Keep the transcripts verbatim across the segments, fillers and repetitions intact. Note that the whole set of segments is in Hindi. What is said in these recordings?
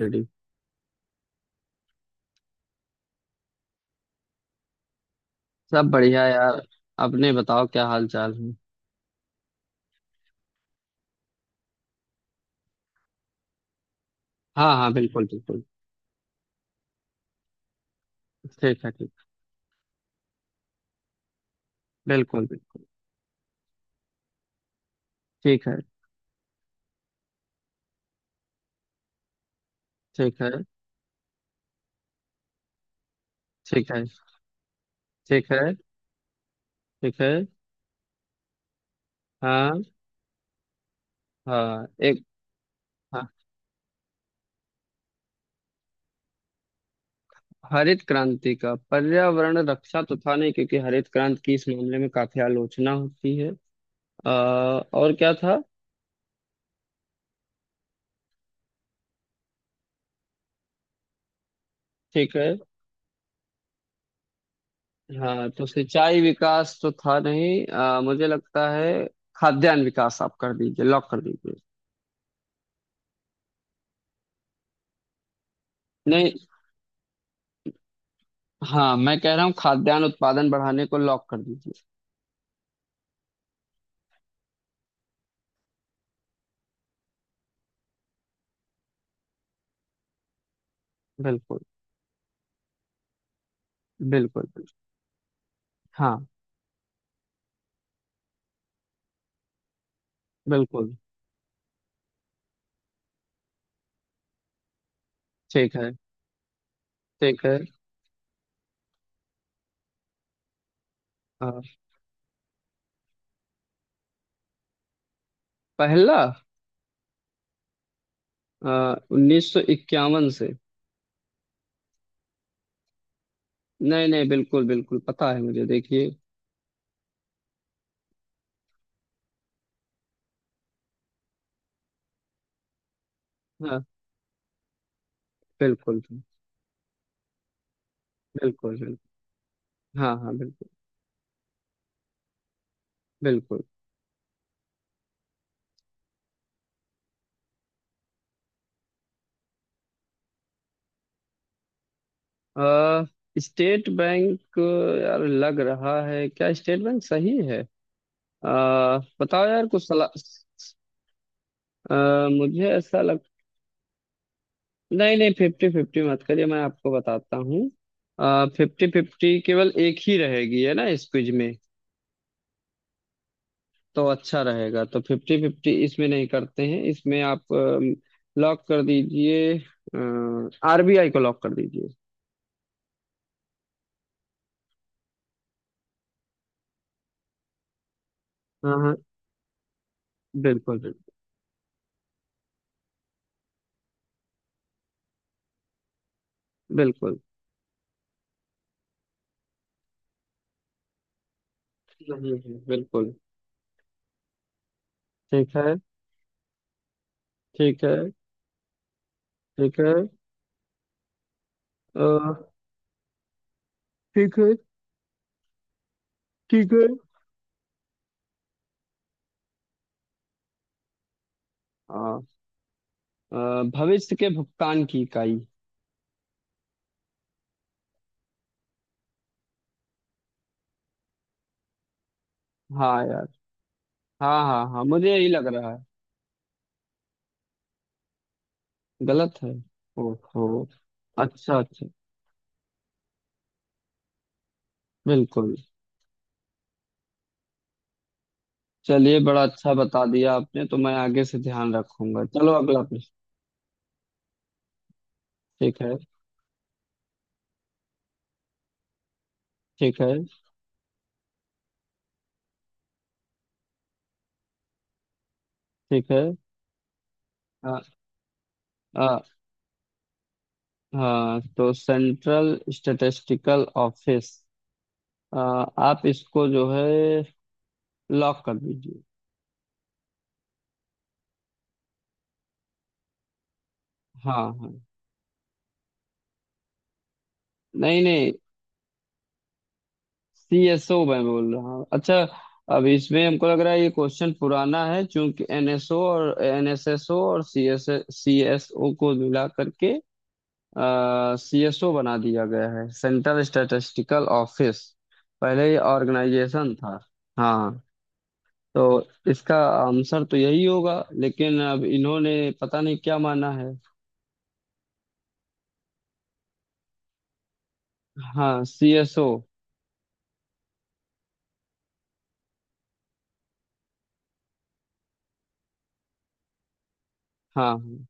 रेडी। सब बढ़िया यार। अपने बताओ क्या हाल चाल है। हाँ हाँ बिल्कुल बिल्कुल। ठीक है ठीक। बिल्कुल बिल्कुल। ठीक है। ठीक है। ठीक है। ठीक है। ठीक है। हाँ। हाँ एक। हाँ, हरित क्रांति का पर्यावरण रक्षा तो था नहीं क्योंकि हरित क्रांति की इस मामले में काफी आलोचना होती है। आ, और क्या था। ठीक है। हाँ तो सिंचाई विकास तो था नहीं, अ, मुझे लगता है। खाद्यान्न विकास आप कर दीजिए लॉक कर दीजिए। नहीं। हाँ मैं कह रहा हूँ खाद्यान्न उत्पादन बढ़ाने को लॉक कर दीजिए। बिल्कुल बिल्कुल। बिल्कुल। हाँ। बिल्कुल। ठीक है। ठीक है। अ, पहला उन्नीस सौ इक्यावन से। नहीं नहीं बिल्कुल बिल्कुल पता है मुझे देखिए। हाँ। बिल्कुल। बिल्कुल बिल्कुल। हाँ हाँ बिल्कुल। बिल्कुल। अ, स्टेट बैंक। यार लग रहा है क्या स्टेट बैंक सही है। अ, बताओ यार कुछ सलाह। अ, मुझे ऐसा लग। नहीं नहीं फिफ्टी फिफ्टी मत करिए मैं आपको बताता हूँ। फिफ्टी फिफ्टी केवल एक ही रहेगी है ना इस क्विज में। तो अच्छा रहेगा, तो फिफ्टी फिफ्टी इसमें नहीं करते हैं, इसमें आप लॉक कर दीजिए। आरबीआई को लॉक कर दीजिए। हाँ हाँ। बिल्कुल। बिल्कुल। बिल्कुल नहीं है, बिल्कुल। ठीक है। ठीक है। ठीक है। अ, ठीक है। ठीक है। हाँ। अ, भविष्य के भुगतान की इकाई। हाँ यार। हाँ हाँ हाँ मुझे यही लग रहा है। गलत है। ओहो। अच्छा अच्छा। बिल्कुल। चलिए बड़ा अच्छा बता दिया आपने, तो मैं आगे से ध्यान रखूंगा। चलो अगला प्रश्न। ठीक है। ठीक है। ठीक है। हाँ। हाँ। हाँ, तो सेंट्रल स्टैटिस्टिकल ऑफिस आप इसको जो है लॉक कर दीजिए। हाँ हाँ। नहीं नहीं। सी एस ओ मैं बोल रहा हूँ। अच्छा, अब इसमें हमको लग रहा है ये क्वेश्चन पुराना है क्योंकि एन एस ओ और एन एस एस ओ और C S C S O को मिला करके सी एस ओ बना दिया गया है, सेंट्रल स्टैटिस्टिकल ऑफिस। पहले ये ऑर्गेनाइजेशन था। हाँ। तो इसका आंसर तो यही होगा, लेकिन अब इन्होंने पता नहीं क्या माना है। हाँ सी एस ओ। हाँ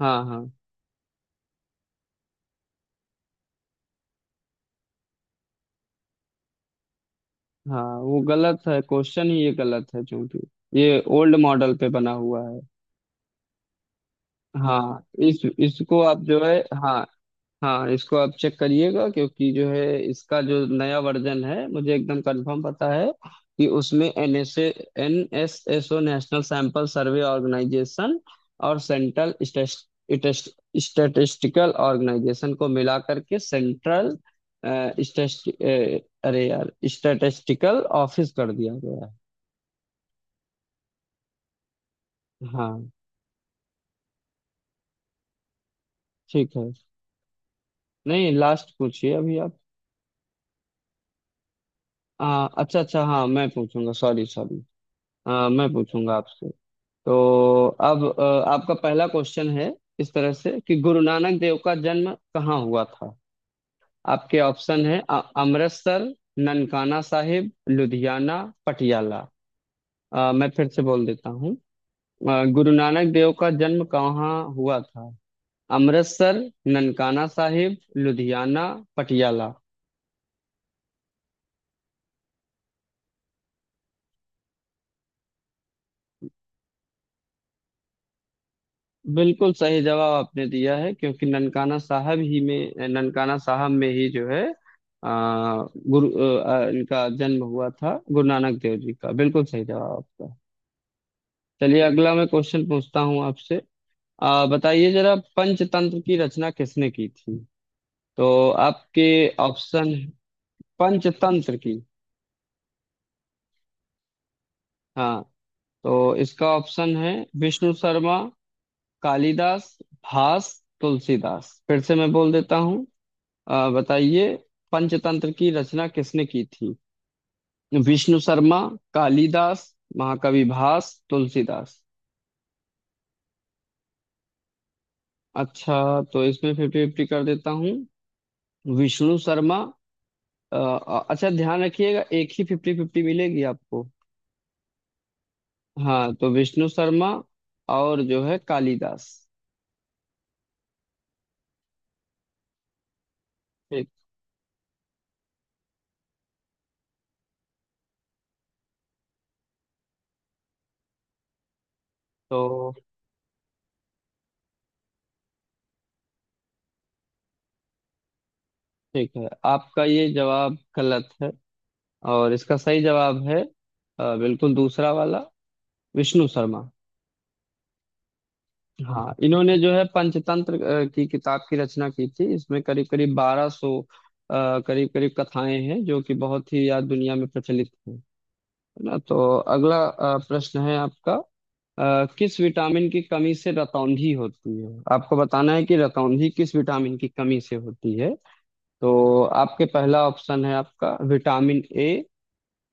हाँ हाँ। हाँ वो गलत है, क्वेश्चन ही ये गलत है क्योंकि ये ओल्ड मॉडल पे बना हुआ है। हाँ, इस इसको आप जो है। हाँ हाँ, इसको आप चेक करिएगा क्योंकि जो है इसका जो नया वर्जन है मुझे एकदम कंफर्म पता है कि उसमें N S N S S O National Sample Survey Organisation और सेंट्रल स्टेटिस्टिकल ऑर्गेनाइजेशन को मिला करके सेंट्रल, अ, स्टेट अ, अरे यार स्टैटिस्टिकल ऑफिस कर दिया गया है। हाँ। ठीक है। नहीं लास्ट पूछिए अभी आप। आ, अच्छा अच्छा, हाँ मैं पूछूंगा, सॉरी सॉरी। आ, मैं पूछूंगा आपसे। तो अब अ, आपका पहला क्वेश्चन है इस तरह से, कि गुरु नानक देव का जन्म कहाँ हुआ था। आपके ऑप्शन है अ- अमृतसर, ननकाना साहिब, लुधियाना, पटियाला। आ, मैं फिर से बोल देता हूँ। अ, गुरु नानक देव का जन्म कहाँ हुआ था। अमृतसर, ननकाना साहिब, लुधियाना, पटियाला। बिल्कुल सही जवाब आपने दिया है क्योंकि ननकाना साहब ही में ननकाना साहब में ही जो है आ, गुरु अ, इनका जन्म हुआ था, गुरु नानक देव जी का। बिल्कुल सही जवाब आपका। चलिए अगला मैं क्वेश्चन पूछता हूँ आपसे। आ, बताइए जरा, पंचतंत्र की रचना किसने की थी। तो आपके ऑप्शन, पंचतंत्र की। हाँ, तो इसका ऑप्शन है विष्णु शर्मा, कालिदास, भास, तुलसीदास। फिर से मैं बोल देता हूँ। अ, बताइए, पंचतंत्र की रचना किसने की थी। विष्णु शर्मा, कालिदास, महाकवि भास, तुलसीदास। अच्छा, तो इसमें फिफ्टी फिफ्टी कर देता हूँ। विष्णु शर्मा, अ, अ, अच्छा ध्यान रखिएगा एक ही फिफ्टी फिफ्टी मिलेगी आपको। हाँ, तो विष्णु शर्मा और जो है कालिदास। ठीक। तो ठीक है आपका ये जवाब गलत है, और इसका सही जवाब है अ, बिल्कुल दूसरा वाला, विष्णु शर्मा। हाँ इन्होंने जो है पंचतंत्र अ, की किताब की रचना की थी, इसमें करीब करीब बारह सौ करीब करीब कथाएं हैं जो कि बहुत ही यार दुनिया में प्रचलित हैं, है ना। तो अगला अ, प्रश्न है आपका, अ, किस विटामिन की कमी से रतौंधी होती है, आपको बताना है कि रतौंधी किस विटामिन की कमी से होती है। तो आपके पहला ऑप्शन है आपका विटामिन ए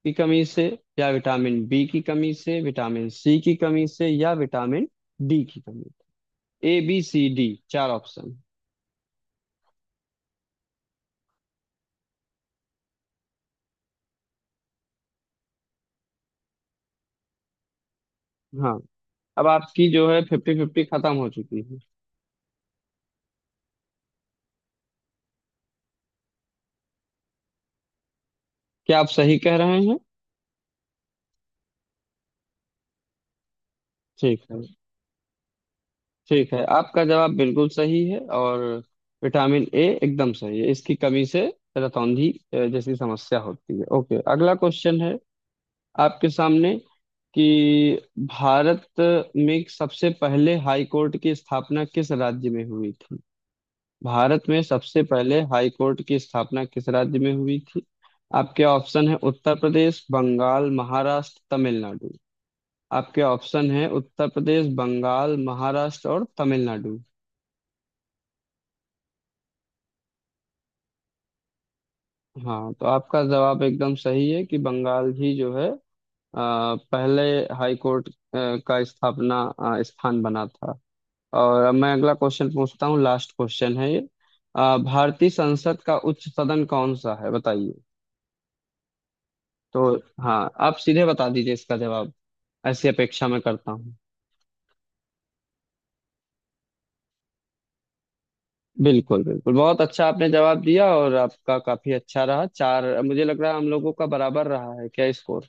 की कमी से, या विटामिन बी की कमी से, विटामिन सी की कमी से, या विटामिन डी की कमी। ए बी सी डी, चार ऑप्शन। हाँ। अब आपकी जो है फिफ्टी फिफ्टी खत्म हो चुकी है। क्या आप सही कह रहे हैं। ठीक है। ठीक है आपका जवाब बिल्कुल सही है, और विटामिन ए एकदम सही है, इसकी कमी से रतौंधी अ, जैसी समस्या होती है। ओके, अगला क्वेश्चन है आपके सामने, कि भारत में सबसे पहले हाई कोर्ट की स्थापना किस राज्य में हुई थी। भारत में सबसे पहले हाई कोर्ट की स्थापना किस राज्य में हुई थी। आपके ऑप्शन है उत्तर प्रदेश, बंगाल, महाराष्ट्र, तमिलनाडु। आपके ऑप्शन है उत्तर प्रदेश, बंगाल, महाराष्ट्र, और तमिलनाडु। हाँ, तो आपका जवाब एकदम सही है कि बंगाल ही जो है अ, पहले हाई कोर्ट अ, का स्थापना अ, स्थान बना था। और अब मैं अगला क्वेश्चन पूछता हूँ, लास्ट क्वेश्चन है ये। अ, भारतीय संसद का उच्च सदन कौन सा है, बताइए। तो हाँ, आप सीधे बता दीजिए इसका जवाब, ऐसी अपेक्षा मैं करता हूँ। बिल्कुल बिल्कुल, बहुत अच्छा आपने जवाब दिया, और आपका काफी अच्छा रहा। चार मुझे लग रहा है हम लोगों का बराबर रहा है क्या स्कोर।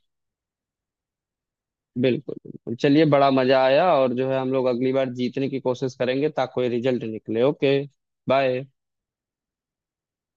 बिल्कुल बिल्कुल, चलिए बड़ा मजा आया, और जो है हम लोग अगली बार जीतने की कोशिश करेंगे ताकि कोई रिजल्ट निकले। ओके। बाय।